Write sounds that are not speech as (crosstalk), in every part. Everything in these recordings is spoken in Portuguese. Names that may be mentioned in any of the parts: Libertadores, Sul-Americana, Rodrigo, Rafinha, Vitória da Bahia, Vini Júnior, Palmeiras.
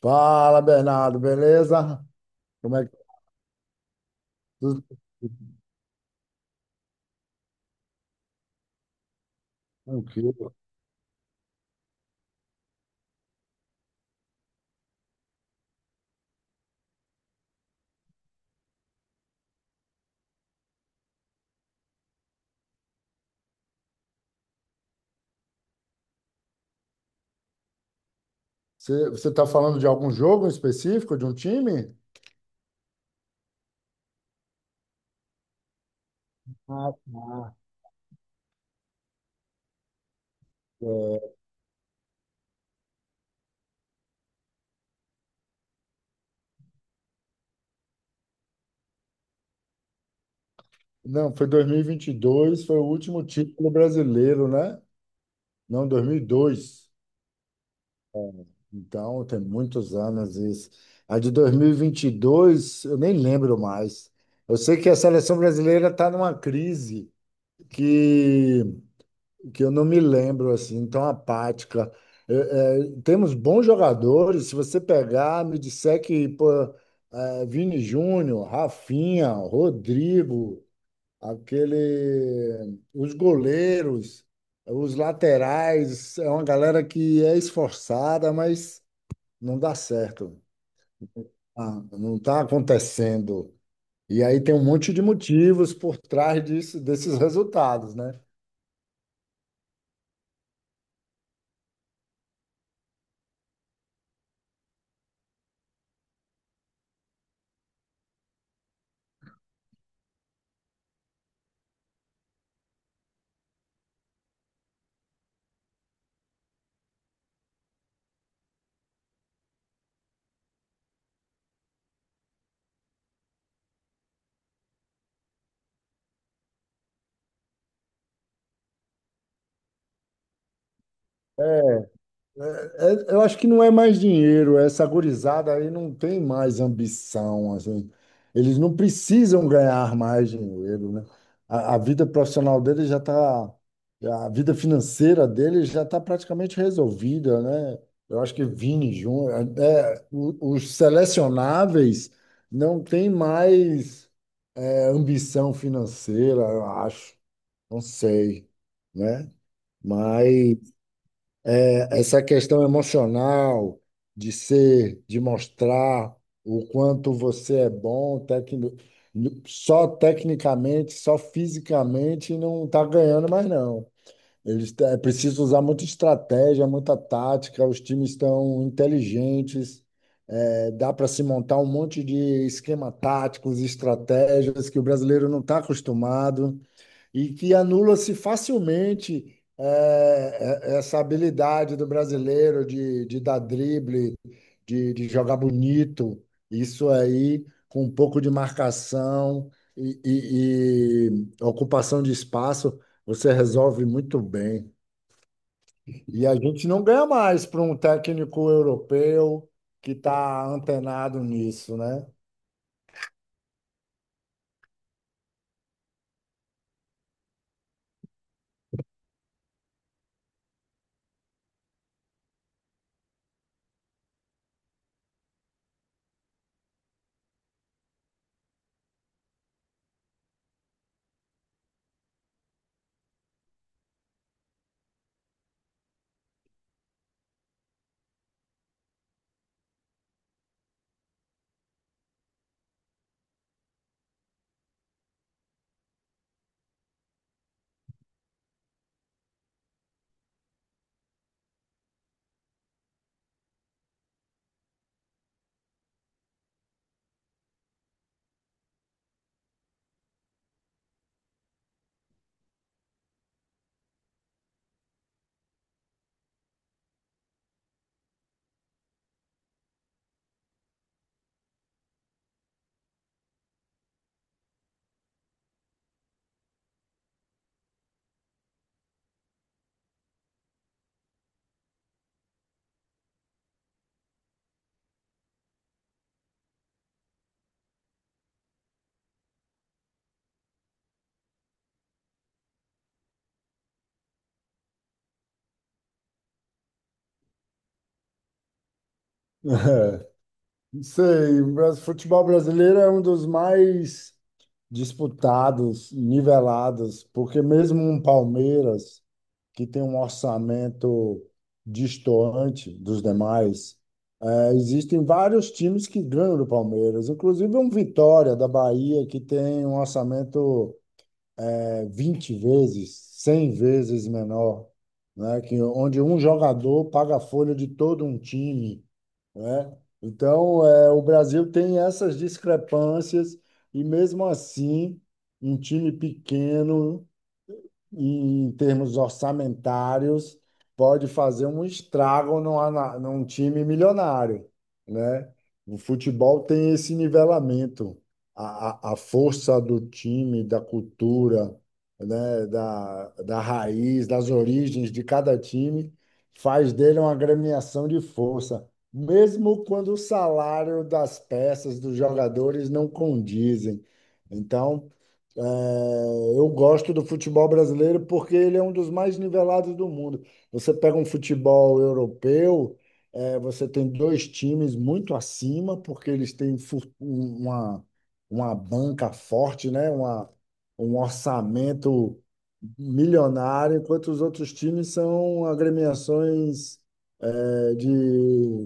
Fala, Bernardo, beleza? Como é que tudo tranquilo? Você está falando de algum jogo específico, de um time? Ah, tá. É, não, foi 2022, foi o último título brasileiro, né? Não, 2002. Então, tem muitos anos isso. A de 2022, eu nem lembro mais. Eu sei que a seleção brasileira está numa crise que que eu não me lembro assim, tão apática. É, Temos bons jogadores, se você pegar, me disser que pô, Vini Júnior, Rafinha, Rodrigo, aquele, os goleiros, os laterais, é uma galera que é esforçada, mas não dá certo. Ah, não está acontecendo. E aí tem um monte de motivos por trás disso, desses (laughs) resultados, né? É, é, eu acho que não é mais dinheiro, essa gurizada aí não tem mais ambição, assim. Eles não precisam ganhar mais dinheiro, né? A vida profissional deles já está, a vida financeira deles já está praticamente resolvida, né? Eu acho que Vini Júnior, os selecionáveis não têm mais ambição financeira, eu acho, não sei, né? Mas essa questão emocional de ser, de mostrar o quanto você é bom, só tecnicamente, só fisicamente, não está ganhando mais não. É preciso usar muita estratégia, muita tática. Os times estão inteligentes. Dá para se montar um monte de esquema táticos, estratégias que o brasileiro não está acostumado e que anula-se facilmente essa habilidade do brasileiro de dar drible, de jogar bonito. Isso aí, com um pouco de marcação e, e- e ocupação de espaço, você resolve muito bem. E a gente não ganha mais para um técnico europeu que está antenado nisso, né? (laughs) Não sei, o futebol brasileiro é um dos mais disputados, nivelados, porque mesmo um Palmeiras, que tem um orçamento destoante dos demais, existem vários times que ganham do Palmeiras, inclusive um Vitória da Bahia, que tem um orçamento 20 vezes, 100 vezes menor, né? Que, onde um jogador paga a folha de todo um time, né? Então, é, o Brasil tem essas discrepâncias e mesmo assim, um time pequeno em termos orçamentários, pode fazer um estrago num time milionário, né? O futebol tem esse nivelamento, a força do time, da cultura, né? Da raiz, das origens de cada time, faz dele uma agremiação de força, mesmo quando o salário das peças, dos jogadores não condizem. Então, é, eu gosto do futebol brasileiro porque ele é um dos mais nivelados do mundo. Você pega um futebol europeu, você tem dois times muito acima, porque eles têm uma banca forte, né? Um orçamento milionário, enquanto os outros times são agremiações, de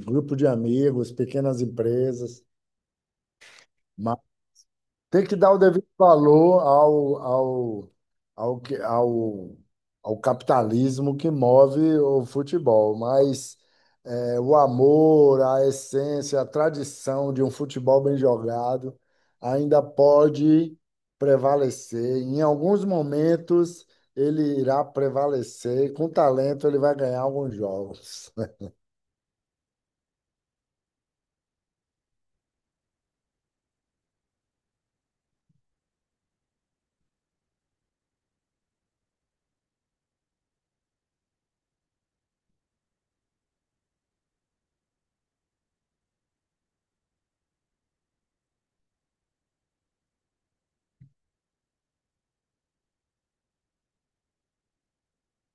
grupo de amigos, pequenas empresas. Tem que dar o devido valor ao ao capitalismo que move o futebol, mas é, o amor, a essência, a tradição de um futebol bem jogado ainda pode prevalecer. Em alguns momentos, ele irá prevalecer. Com talento, ele vai ganhar alguns jogos.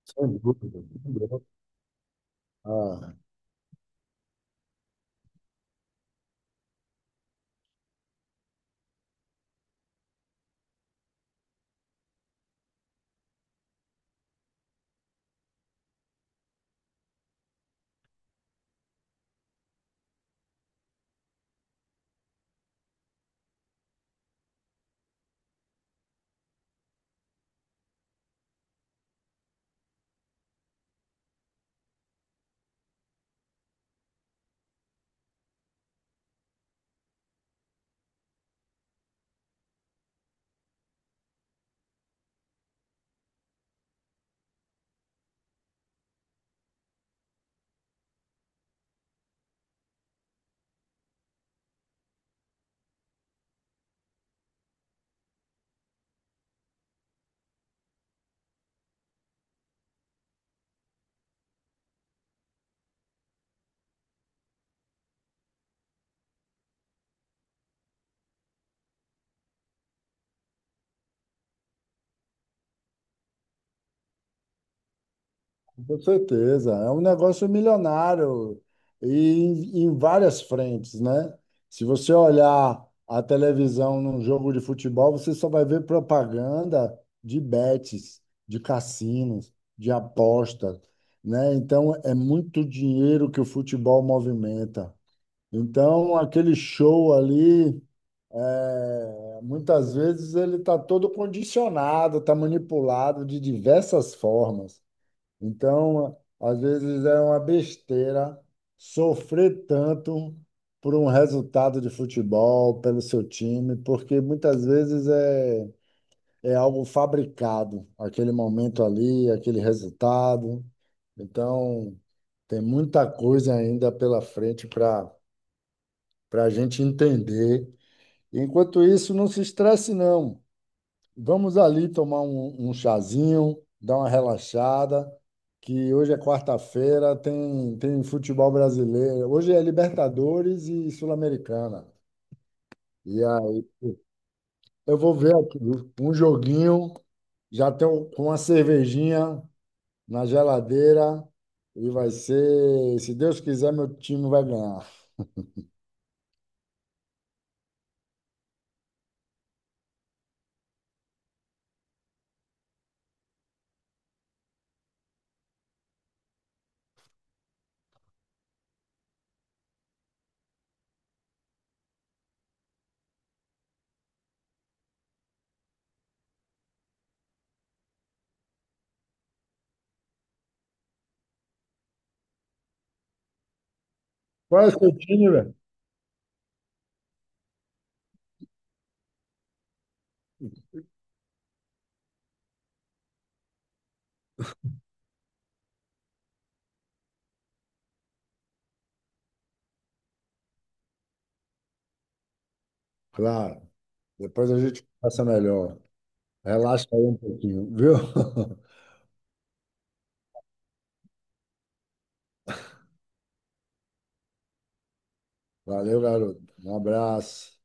(laughs) Sem dúvida. Ah. Com certeza, é um negócio milionário e em várias frentes, né? Se você olhar a televisão num jogo de futebol, você só vai ver propaganda de bets, de cassinos, de apostas, né? Então é muito dinheiro que o futebol movimenta. Então aquele show ali, é, muitas vezes ele está todo condicionado, está manipulado de diversas formas. Então, às vezes é uma besteira sofrer tanto por um resultado de futebol, pelo seu time, porque muitas vezes é, é algo fabricado, aquele momento ali, aquele resultado. Então, tem muita coisa ainda pela frente para a gente entender. Enquanto isso, não se estresse, não. Vamos ali tomar um chazinho, dar uma relaxada, que hoje é quarta-feira, tem, tem futebol brasileiro. Hoje é Libertadores e Sul-Americana. E aí, pô, eu vou ver aqui um joguinho, já tenho com uma cervejinha na geladeira, e vai ser, se Deus quiser, meu time vai ganhar. Qual é o seu time, velho? Claro, depois a gente passa melhor. Relaxa aí um pouquinho, viu? (laughs) Valeu, garoto. Um abraço.